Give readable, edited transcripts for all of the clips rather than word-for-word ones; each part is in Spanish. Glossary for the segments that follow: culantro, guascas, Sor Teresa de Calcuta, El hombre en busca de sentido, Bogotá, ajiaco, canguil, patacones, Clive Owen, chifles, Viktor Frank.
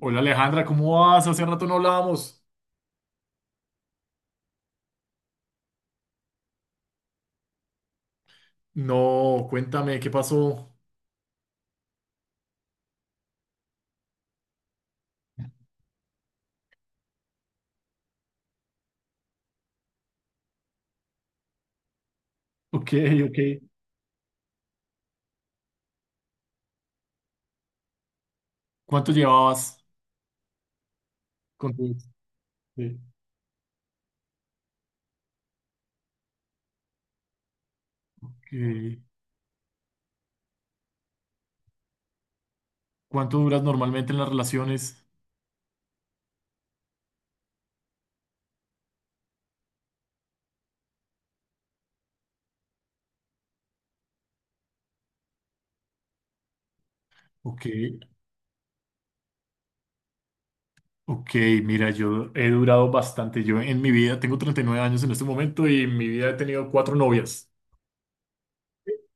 Hola Alejandra, ¿cómo vas? Hace rato no hablábamos. No, cuéntame, ¿qué pasó? Ok, ok. ¿Cuánto llevabas con tu ex? Sí. Ok. ¿Cuánto duras normalmente en las relaciones? Ok, ok, mira, yo he durado bastante. Yo en mi vida tengo 39 años en este momento y en mi vida he tenido cuatro novias.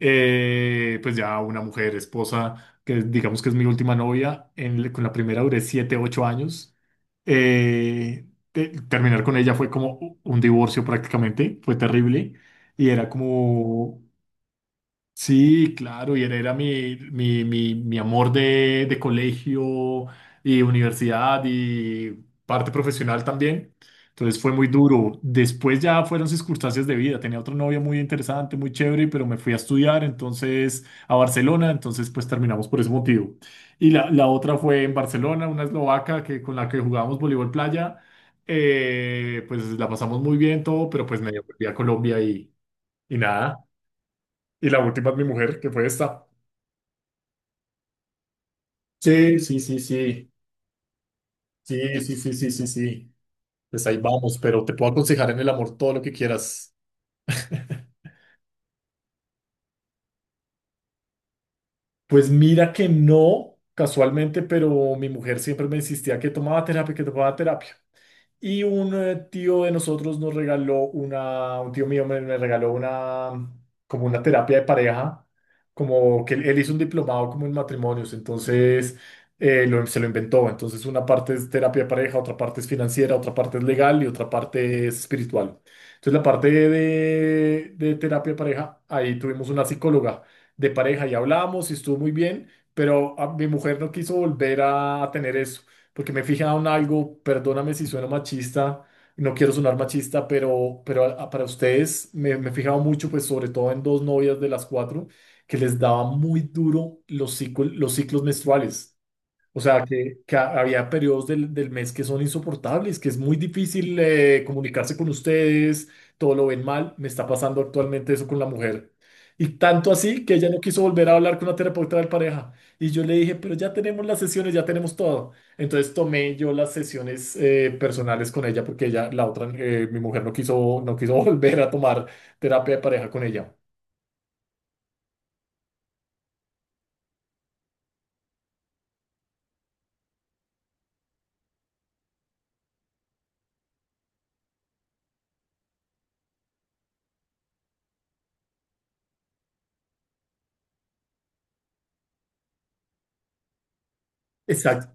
Pues ya una mujer, esposa, que digamos que es mi última novia, con la primera duré 7, 8 años. Terminar con ella fue como un divorcio prácticamente, fue terrible y era como, sí, claro, y él era mi amor de colegio y universidad y parte profesional también. Entonces fue muy duro. Después ya fueron circunstancias de vida. Tenía otro novio muy interesante, muy chévere, pero me fui a estudiar entonces a Barcelona. Entonces pues terminamos por ese motivo. Y la otra fue en Barcelona, una eslovaca que, con la que jugábamos voleibol playa. Pues la pasamos muy bien todo, pero pues me volví a Colombia y nada. Y la última es mi mujer, que fue esta. Sí, sí, sí, sí. Sí, sí, sí, sí, sí, sí. Pues ahí vamos, pero te puedo aconsejar en el amor todo lo que quieras. Pues mira que no, casualmente, pero mi mujer siempre me insistía que tomaba terapia, que tomaba terapia. Y un tío de nosotros nos regaló un tío mío me regaló una, como una terapia de pareja, como que él hizo un diplomado como en matrimonios, entonces se lo inventó. Entonces una parte es terapia de pareja, otra parte es financiera, otra parte es legal y otra parte es espiritual. Entonces la parte de terapia de pareja, ahí tuvimos una psicóloga de pareja y hablamos y estuvo muy bien, pero mi mujer no quiso volver a tener eso porque me fijan en algo, perdóname si sueno machista, no quiero sonar machista, pero para ustedes me he fijado mucho, pues sobre todo en dos novias de las cuatro, que les daba muy duro los ciclos menstruales. O sea, que había periodos del mes que son insoportables, que es muy difícil comunicarse con ustedes, todo lo ven mal. Me está pasando actualmente eso con la mujer. Y tanto así que ella no quiso volver a hablar con la terapeuta de pareja. Y yo le dije, pero ya tenemos las sesiones, ya tenemos todo. Entonces tomé yo las sesiones personales con ella porque ella, la otra, mi mujer no quiso volver a tomar terapia de pareja con ella. Exacto.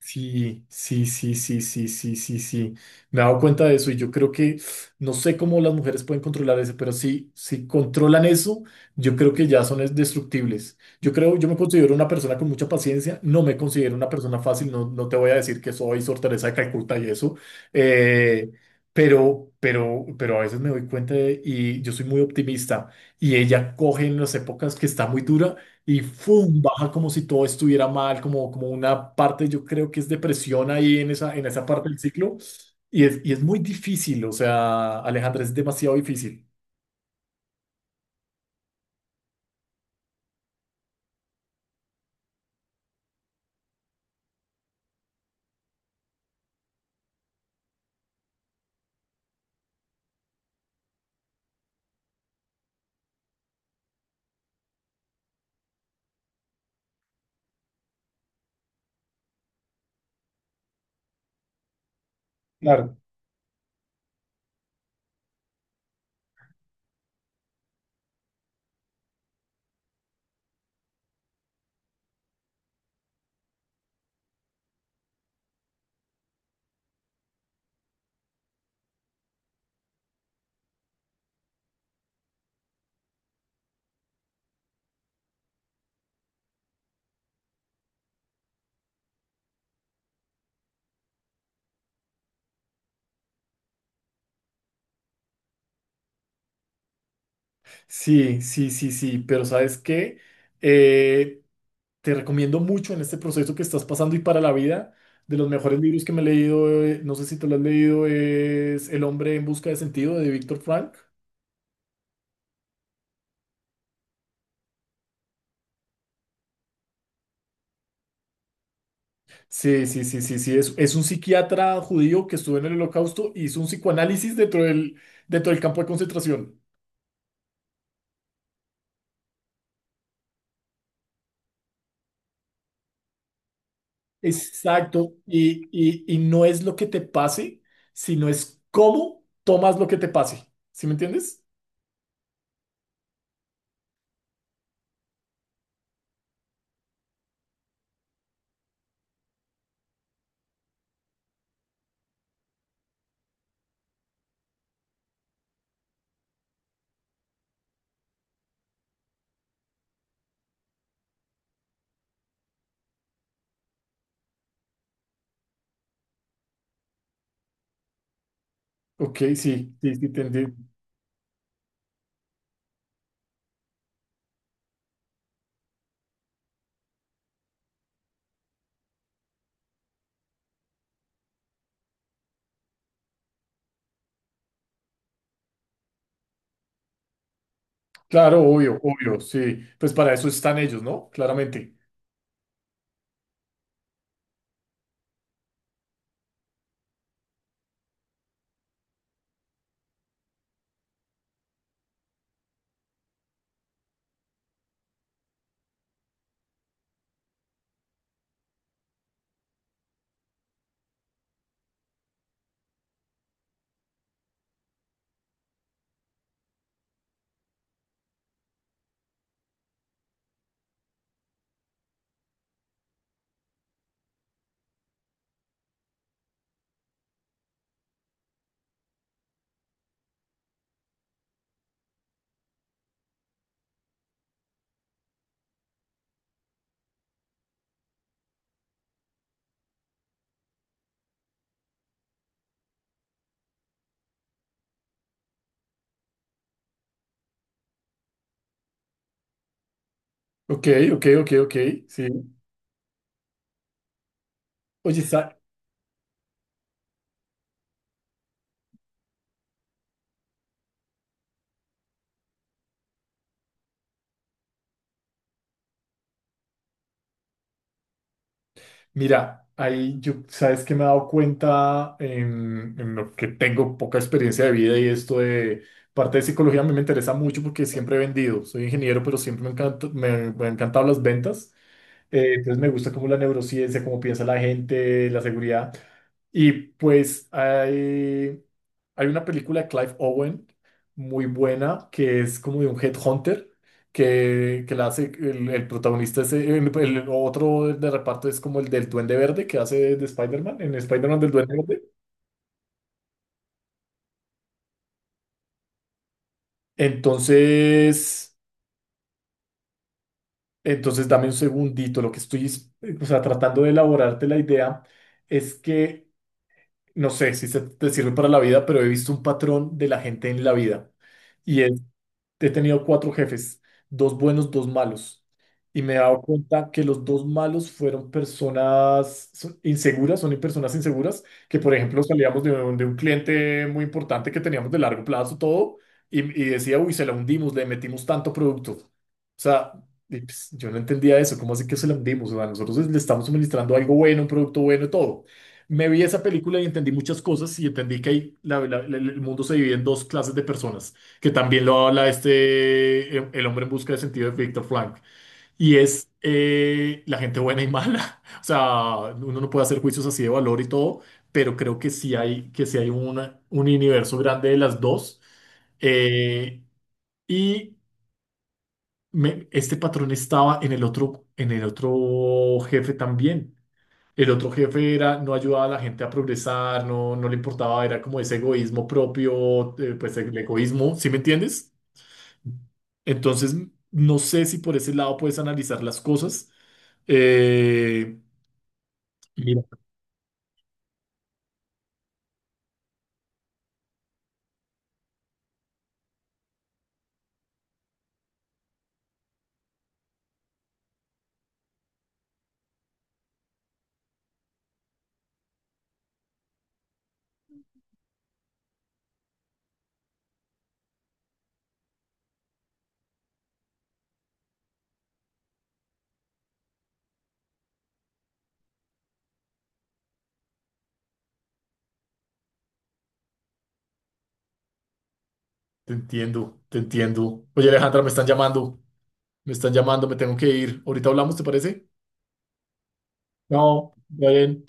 Sí, sí, sí, sí, sí, sí, sí, sí. Me he dado cuenta de eso y yo creo que no sé cómo las mujeres pueden controlar eso, pero sí, si controlan eso, yo creo que ya son destructibles. Yo creo, yo me considero una persona con mucha paciencia, no me considero una persona fácil, no, no te voy a decir que soy Sor Teresa de Calcuta y eso, eh, pero, pero a veces me doy cuenta y yo soy muy optimista, y ella coge en las épocas que está muy dura y ¡fum! Baja como si todo estuviera mal, como una parte, yo creo que es depresión ahí en esa parte del ciclo. Y es muy difícil, o sea, Alejandra, es demasiado difícil. Claro. Sí, sí, sí, sí, pero ¿sabes qué? Eh, Te recomiendo mucho en este proceso que estás pasando y para la vida. De los mejores libros que me he leído, no sé si te lo has leído, es El hombre en busca de sentido de Víctor Frank. Sí, sí, sí, sí, sí. Es un psiquiatra judío que estuvo en el Holocausto y hizo un psicoanálisis dentro del campo de concentración. Exacto. Y no es lo que te pase, sino es cómo tomas lo que te pase. ¿Sí me entiendes? Ok, sí, sí, sí, te entendí. Claro, obvio, obvio, sí. Pues para eso están ellos, ¿no? Claramente. Ok, ok, ok, ok, sí. Oye, mira, ahí yo, sabes que me he dado cuenta en lo que tengo poca experiencia de vida y esto de parte de psicología a mí me interesa mucho porque siempre he vendido. Soy ingeniero, pero siempre me han encantado las ventas. Entonces me gusta como la neurociencia, cómo piensa la gente, la seguridad. Y pues hay una película de Clive Owen muy buena que es como de un headhunter que la hace el protagonista es el otro de reparto es como el del Duende Verde que hace de Spider-Man, en Spider-Man del Duende Verde. Entonces, entonces dame un segundito, lo que estoy, o sea, tratando de elaborarte la idea es que, no sé si se te sirve para la vida, pero he visto un patrón de la gente en la vida. He tenido cuatro jefes, dos buenos, dos malos. Y me he dado cuenta que los dos malos fueron personas inseguras, son personas inseguras, que por ejemplo salíamos de un, cliente muy importante que teníamos de largo plazo todo y decía, uy, se la hundimos, le metimos tanto producto. O sea, y, pues, yo no entendía eso, ¿cómo así que se la hundimos? O sea, nosotros le estamos suministrando algo bueno, un producto bueno, todo. Me vi esa película y entendí muchas cosas y entendí que el mundo se divide en dos clases de personas, que también lo habla este, El hombre en busca de sentido de Viktor Frank, y es la gente buena y mala. O sea, uno no puede hacer juicios así de valor y todo, pero creo que sí hay un universo grande de las dos. Eh, y este patrón estaba en el otro jefe también. El otro jefe era, no ayudaba a la gente a progresar, no, no le importaba, era como ese egoísmo propio, pues el egoísmo, ¿sí me entiendes? Entonces, no sé si por ese lado puedes analizar las cosas. Eh, Mira, te entiendo, te entiendo. Oye, Alejandra, me están llamando, me están llamando, me tengo que ir. Ahorita hablamos, ¿te parece? No, está bien.